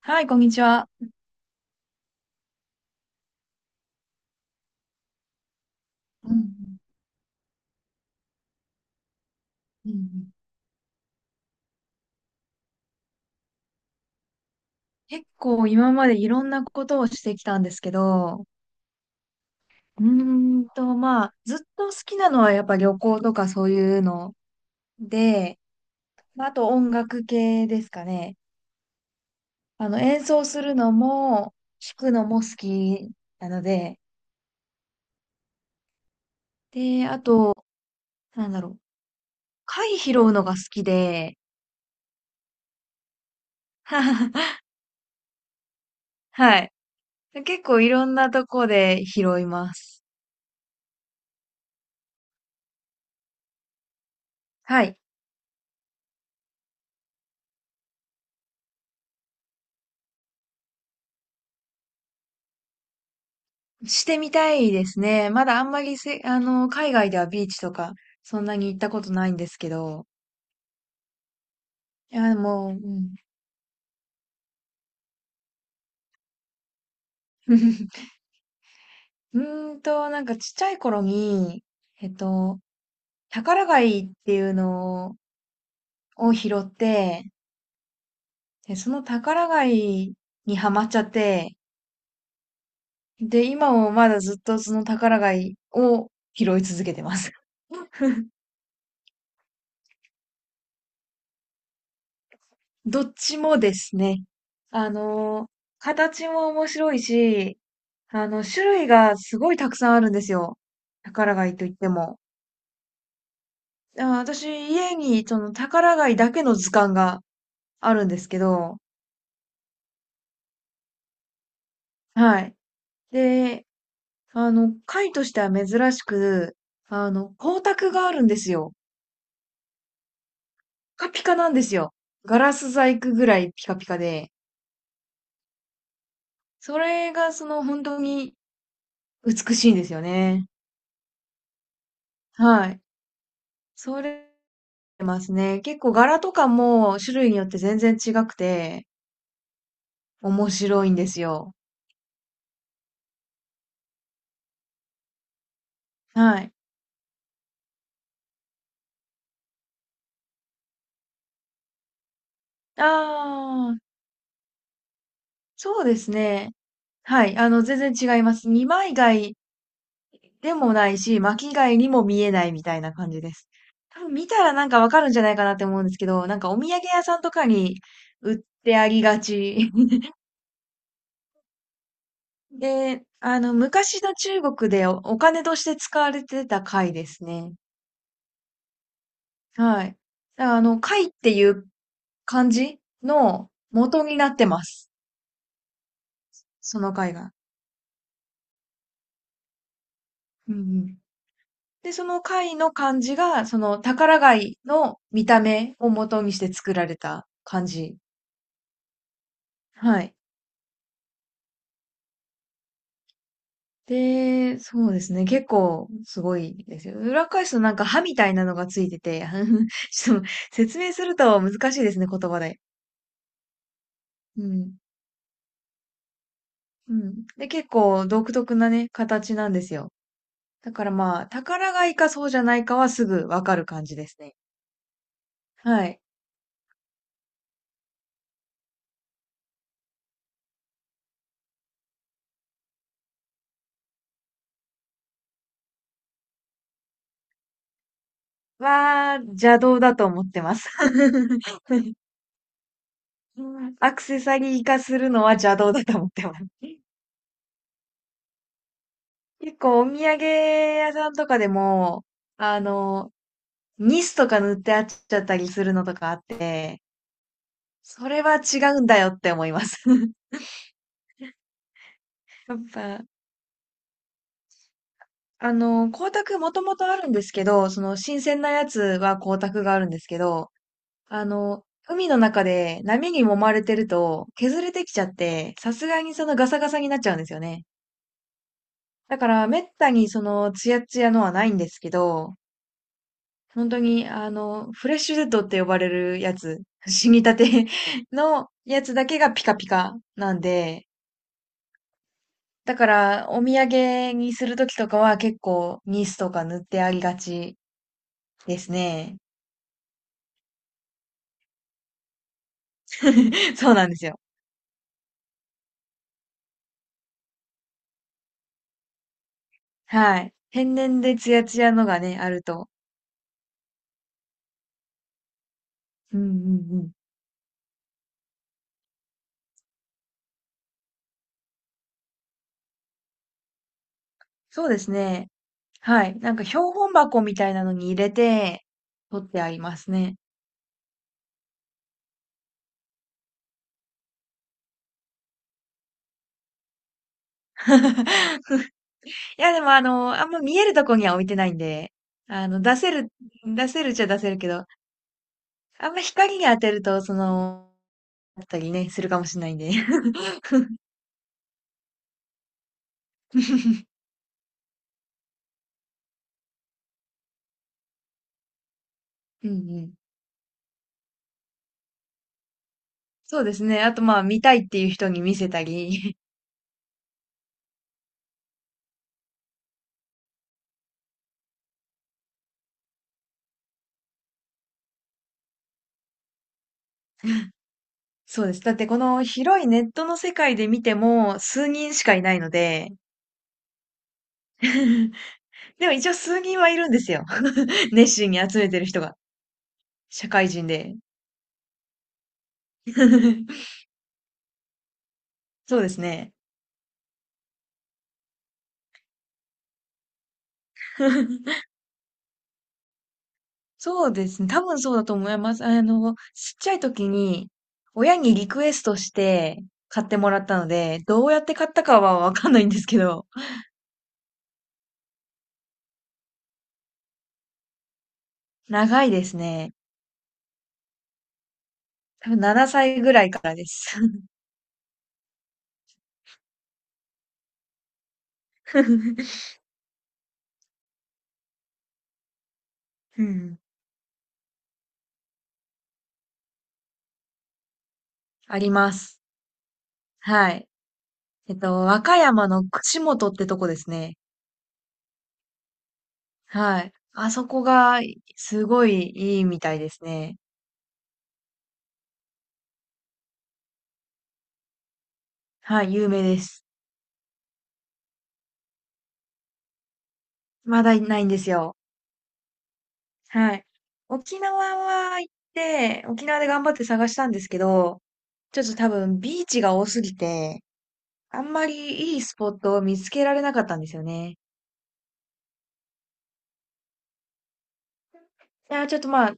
はい、こんにちは。うんうんうん結構今までいろんなことをしてきたんですけど、まあ、ずっと好きなのはやっぱ旅行とかそういうので、まああと音楽系ですかね。演奏するのも、弾くのも好きなので、で、あと、なんだろう、貝拾うのが好きで、はい。結構いろんなとこで拾います。はい。してみたいですね。まだあんまりせ、海外ではビーチとか、そんなに行ったことないんですけど。いや、もう、うん。うなんかちっちゃい頃に、えっと、宝貝っていうのを拾って、で、その宝貝にハマっちゃって、で、今もまだずっとその宝貝を拾い続けてます。どっちもですね。あの、形も面白いし、種類がすごいたくさんあるんですよ。宝貝といっても。あ、私、家にその宝貝だけの図鑑があるんですけど、はい。で、貝としては珍しく、光沢があるんですよ。ピカピカなんですよ。ガラス細工ぐらいピカピカで、それがその本当に美しいんですよね。はい。それますね。結構柄とかも種類によって全然違くて、面白いんですよ。はい。ああ、そうですね。はい。全然違います。二枚貝でもないし、巻き貝にも見えないみたいな感じです。多分見たらなんかわかるんじゃないかなって思うんですけど、なんかお土産屋さんとかに売ってありがち。で、昔の中国でお金として使われてた貝ですね。はい。だから貝っていう感じの元になってます。その貝が。うんうん。で、その貝の漢字が、その宝貝の見た目を元にして作られた漢字はい。で、そうですね。結構すごいですよ。裏返すとなんか歯みたいなのがついてて、ちょっと説明すると難しいですね、言葉で。うん。うん。で、結構独特なね、形なんですよ。だからまあ、宝貝かそうじゃないかはすぐわかる感じですね。はい。邪道だと思ってます。アクセサリー化するのは邪道だと思ってます。結構お土産屋さんとかでも、あの、ニスとか塗ってあっちゃったりするのとかあって、それは違うんだよって思います。やっぱ、光沢もともとあるんですけど、その新鮮なやつは光沢があるんですけど、海の中で波に揉まれてると削れてきちゃって、さすがにそのガサガサになっちゃうんですよね。だから、めったにその、ツヤツヤのはないんですけど、本当に、フレッシュデッドって呼ばれるやつ、死にたて のやつだけがピカピカなんで、だから、お土産にするときとかは結構、ニスとか塗ってありがちですね。そうなんですよ。はい。天然でツヤツヤのがね、あると。うんうんうん。そうですね。はい。なんか標本箱みたいなのに入れて、取ってありますね。いや、でもあんま見えるとこには置いてないんで、あの、出せる、出せるっちゃ出せるけど、あんま光に当てると、その、だったりね、するかもしれないんで。うんうん。そうですね。あとまあ、見たいっていう人に見せたり。そうです。だってこの広いネットの世界で見ても、数人しかいないので、でも一応数人はいるんですよ。熱心に集めてる人が。社会人で。そうですね。そうですね。多分そうだと思います。ちっちゃい時に、親にリクエストして買ってもらったので、どうやって買ったかはわかんないんですけど、長いですね。多分7歳ぐらいからです。うん。あります。はい。和歌山の串本ってとこですね。はい。あそこが、すごいいいみたいですね。はい、有名です。まだいないんですよ。はい。沖縄は行って、沖縄で頑張って探したんですけど、ちょっと多分ビーチが多すぎて、あんまりいいスポットを見つけられなかったんですよね。いや、ちょっとまあ、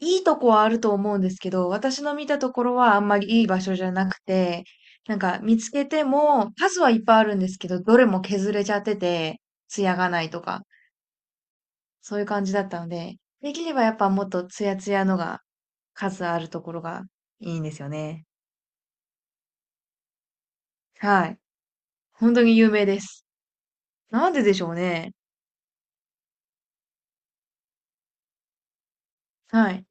いいとこはあると思うんですけど、私の見たところはあんまりいい場所じゃなくて、なんか見つけても数はいっぱいあるんですけど、どれも削れちゃってて、艶がないとか、そういう感じだったので、できればやっぱもっとツヤツヤのが数あるところがいいんですよね。はい。本当に有名です。なんででしょうね。はい。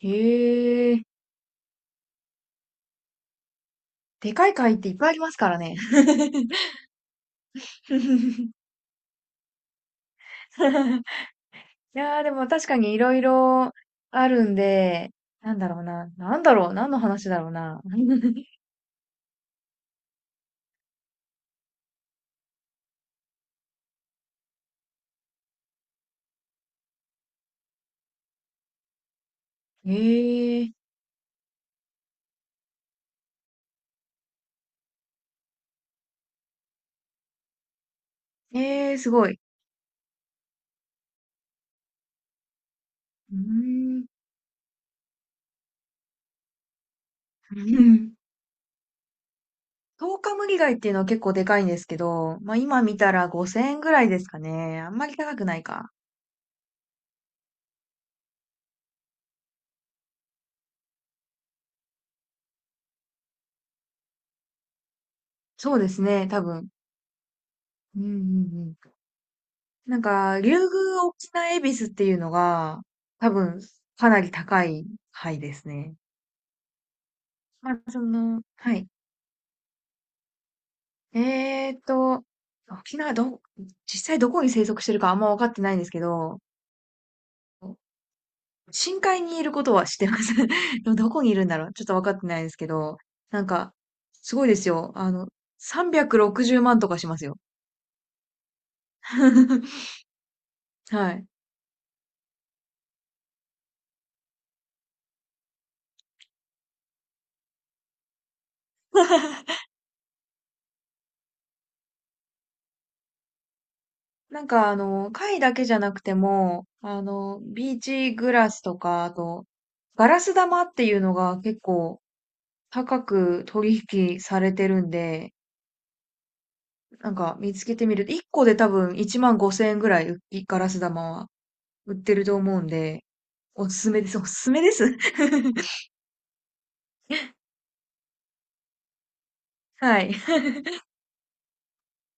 へえ。でかい貝っていっぱいありますからね。いやーでも確かにいろいろあるんで、なんだろうな。なんだろう。何の話だろうな。へえ。えー、すごい。うーん。10日無理貝っていうのは結構でかいんですけど、まあ今見たら5000円ぐらいですかね。あんまり高くないか。そうですね、多分。うんうんうん。なんか、竜宮沖縄恵比寿っていうのが、多分、かなり高い牌ですね。まあ、その、はい。えーっと、沖縄ど、実際どこに生息してるかあんま分かってないんですけど、深海にいることは知ってます。でもどこにいるんだろうちょっと分かってないですけど、なんか、すごいですよ。360万とかしますよ。はい。なんか貝だけじゃなくても、ビーチグラスとか、あと、ガラス玉っていうのが結構高く取引されてるんで、なんか見つけてみると、1個で多分1万5千円ぐらい、うガラス玉は売ってると思うんで、おすすめです。おすすめです。はい。